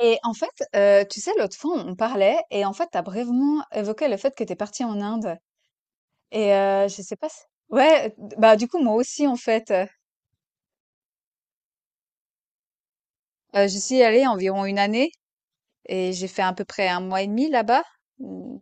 Et en fait, tu sais, l'autre fois, on parlait et en fait, tu as brièvement évoqué le fait que tu es partie en Inde et je sais pas s ouais, d bah, du coup, moi aussi, en fait, j'y suis allée environ une année et j'ai fait à peu près un mois et demi là-bas. Mmh,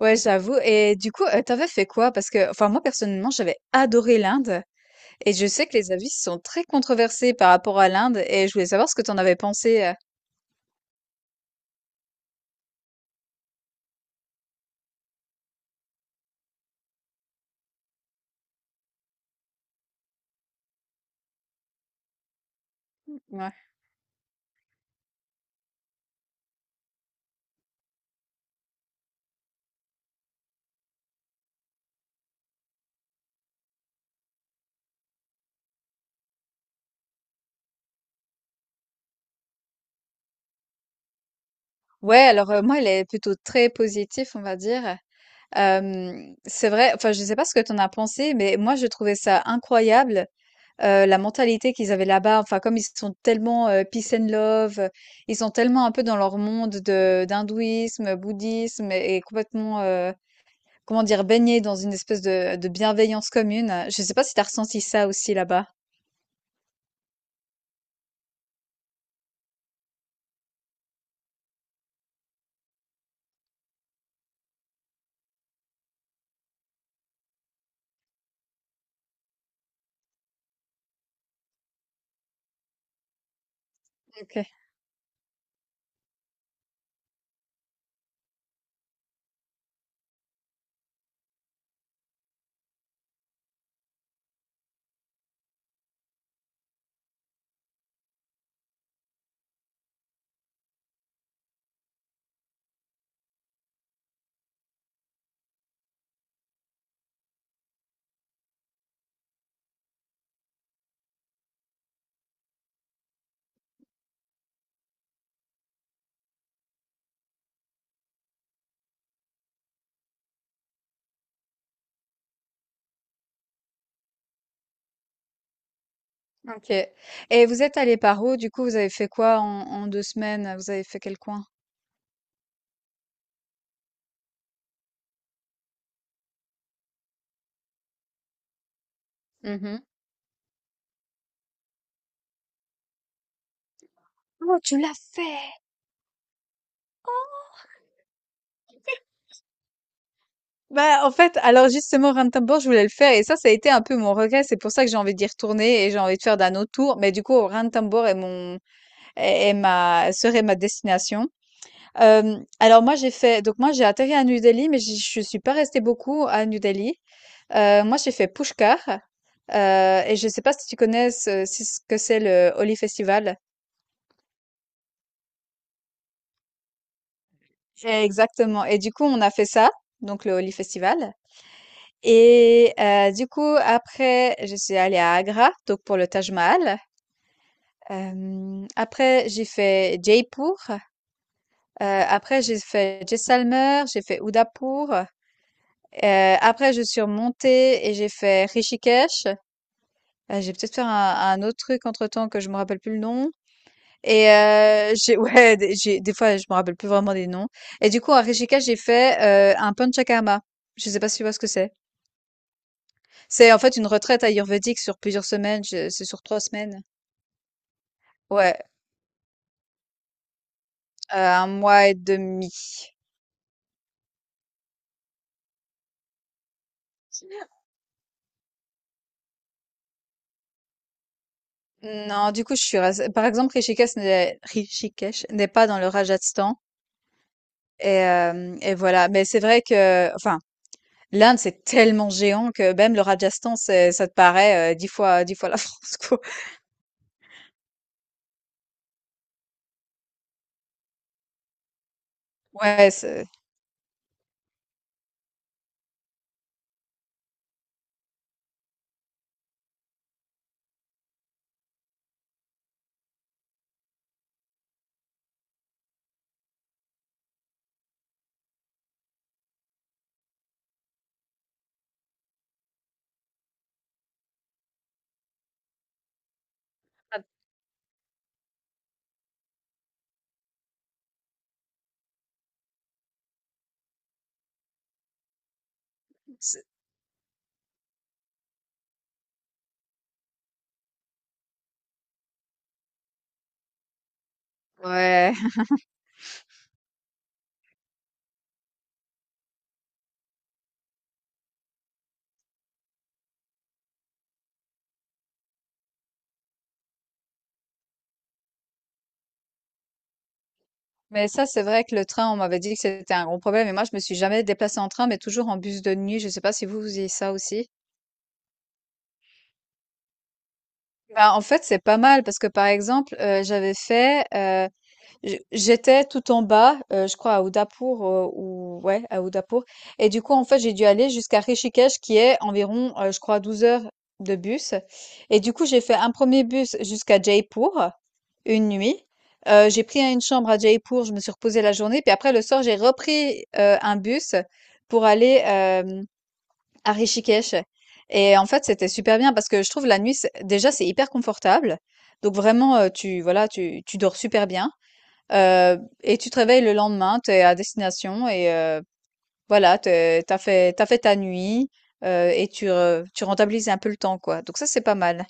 ouais, j'avoue. Et du coup, tu fait quoi? Parce que enfin, moi, personnellement, j'avais adoré l'Inde et je sais que les avis sont très controversés par rapport à l'Inde, et je voulais savoir ce que t'en avais pensé? Ouais. Ouais, alors, moi, il est plutôt très positif, on va dire. C'est vrai, enfin, je sais pas ce que tu en as pensé, mais moi, je trouvais ça incroyable, la mentalité qu'ils avaient là-bas. Enfin, comme ils sont tellement, peace and love, ils sont tellement un peu dans leur monde de d'hindouisme, bouddhisme et complètement, comment dire? Baignés dans une espèce de bienveillance commune. Je sais pas si tu as ressenti ça aussi là-bas? OK. Ok. Et vous êtes allé par où? Du coup, vous avez fait quoi en 2 semaines? Vous avez fait quel coin? Mhm. Oh, tu l'as fait! Bah, en fait, alors justement, Ranthambore, je voulais le faire et ça a été un peu mon regret. C'est pour ça que j'ai envie d'y retourner et j'ai envie de faire d'un autre tour. Mais du coup, Ranthambore est mon, est, est ma, serait ma destination. Alors moi, j'ai fait, donc moi, j'ai atterri à New Delhi, mais je suis pas restée beaucoup à New Delhi. Moi, j'ai fait Pushkar. Et je sais pas si tu connais ce, si ce que c'est le Holi Festival. Exactement. Et du coup, on a fait ça, donc le Holi Festival. Et du coup, après, je suis allée à Agra, donc pour le Taj Mahal. Après, j'ai fait Jaipur. Après, j'ai fait Jaisalmer, j'ai fait Udaipur. Après, je suis remontée et j'ai fait Rishikesh. J'ai peut-être fait un autre truc entre-temps que je me rappelle plus le nom, et j'ai ouais, des j'ai des fois, je me rappelle plus vraiment des noms. Et du coup, à Rishikesh, j'ai fait, un Panchakarma. Je sais pas si tu vois ce que c'est? C'est en fait une retraite ayurvédique sur plusieurs semaines, c'est sur 3 semaines. Ouais, un mois et demi. Non, du coup, Par exemple, Rishikesh n'est pas dans le Rajasthan. Et voilà. Mais c'est vrai que, enfin, l'Inde, c'est tellement géant que même le Rajasthan, c'est, ça te paraît 10 fois, 10 fois la France, quoi. Ouais, c'est, c'est- ouais. Mais ça, c'est vrai que le train, on m'avait dit que c'était un gros problème. Et moi, je me suis jamais déplacée en train, mais toujours en bus de nuit. Je sais pas si vous, vous avez ça aussi. Bah, en fait, c'est pas mal parce que, par exemple, j'avais fait, j'étais tout en bas, je crois à Udaipur, ou ouais, à Udaipur. Et du coup, en fait, j'ai dû aller jusqu'à Rishikesh qui est environ, je crois 12 heures de bus. Et du coup, j'ai fait un premier bus jusqu'à Jaipur, une nuit. J'ai pris une chambre à Jaipur, je me suis reposée la journée, puis après le soir, j'ai repris, un bus pour aller, à Rishikesh. Et en fait, c'était super bien parce que je trouve la nuit, c'est déjà, c'est hyper confortable. Donc vraiment, tu voilà, tu dors super bien, euh, et tu te réveilles le lendemain, tu es à destination et voilà, t'as fait ta nuit, et tu rentabilises un peu le temps, quoi. Donc ça, c'est pas mal.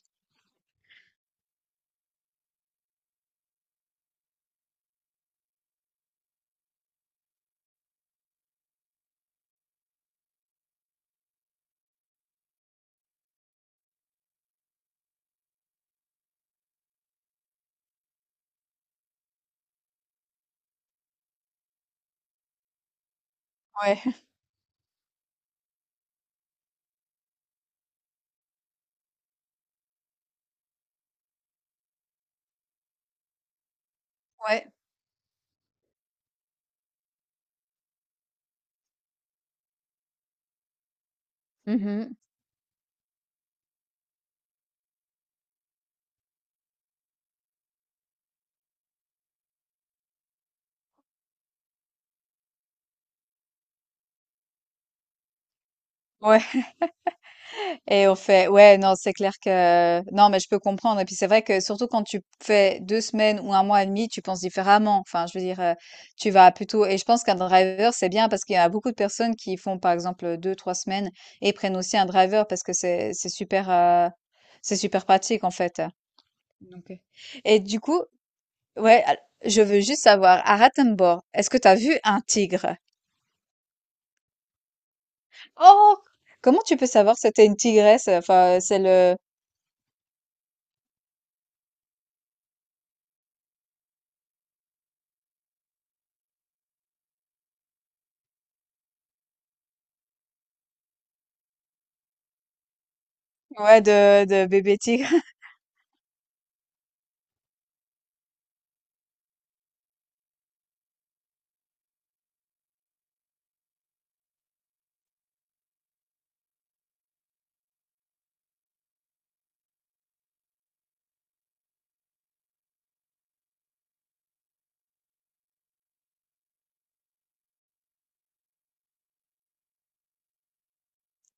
Ouais. Ouais. Mhm. Ouais. Et on fait, ouais, non, c'est clair que, non, mais je peux comprendre. Et puis c'est vrai que surtout quand tu fais 2 semaines ou un mois et demi, tu penses différemment. Enfin, je veux dire, tu vas plutôt, et je pense qu'un driver, c'est bien parce qu'il y a beaucoup de personnes qui font, par exemple, 2, 3 semaines et prennent aussi un driver parce que c'est super pratique, en fait. Donc, et du coup, ouais, je veux juste savoir, à Ratenborg, est-ce que tu as vu un tigre? Oh! Comment tu peux savoir si c'était une tigresse? Enfin, c'est le, ouais, de bébé tigre.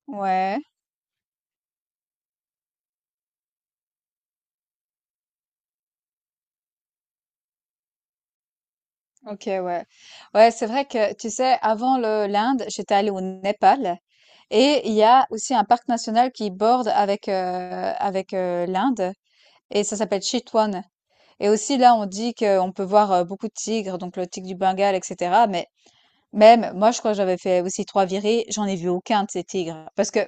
Ouais, ok, ouais. Ouais, c'est vrai que, tu sais, avant le l'Inde, j'étais allée au Népal, et il y a aussi un parc national qui borde avec, avec l'Inde, et ça s'appelle Chitwan. Et aussi là, on dit qu'on peut voir beaucoup de tigres, donc le tigre du Bengale, etc. Mais même, moi, je crois que j'avais fait aussi 3 virées, j'en ai vu aucun de ces tigres. Parce que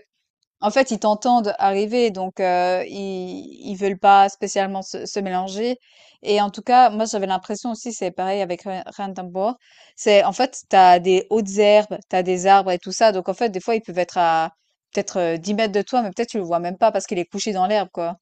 En fait, ils t'entendent arriver, donc ils veulent pas spécialement se mélanger, et en tout cas, moi, j'avais l'impression aussi, c'est pareil avec Ren Ranthambore, c'est en fait, t'as des hautes herbes, t'as des arbres et tout ça, donc en fait, des fois, ils peuvent être à peut-être, 10 m de toi, mais peut-être tu le vois même pas parce qu'il est couché dans l'herbe, quoi.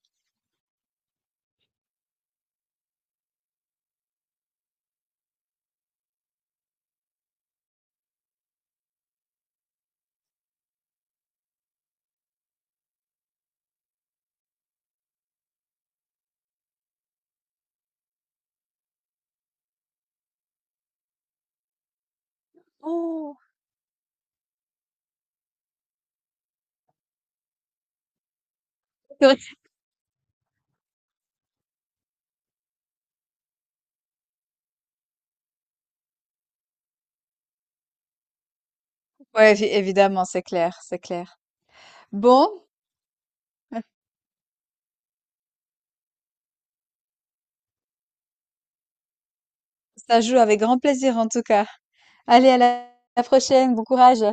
Ouais, évidemment, c'est clair, c'est clair. Bon, ça joue avec grand plaisir en tout cas. Allez, à la prochaine, bon courage.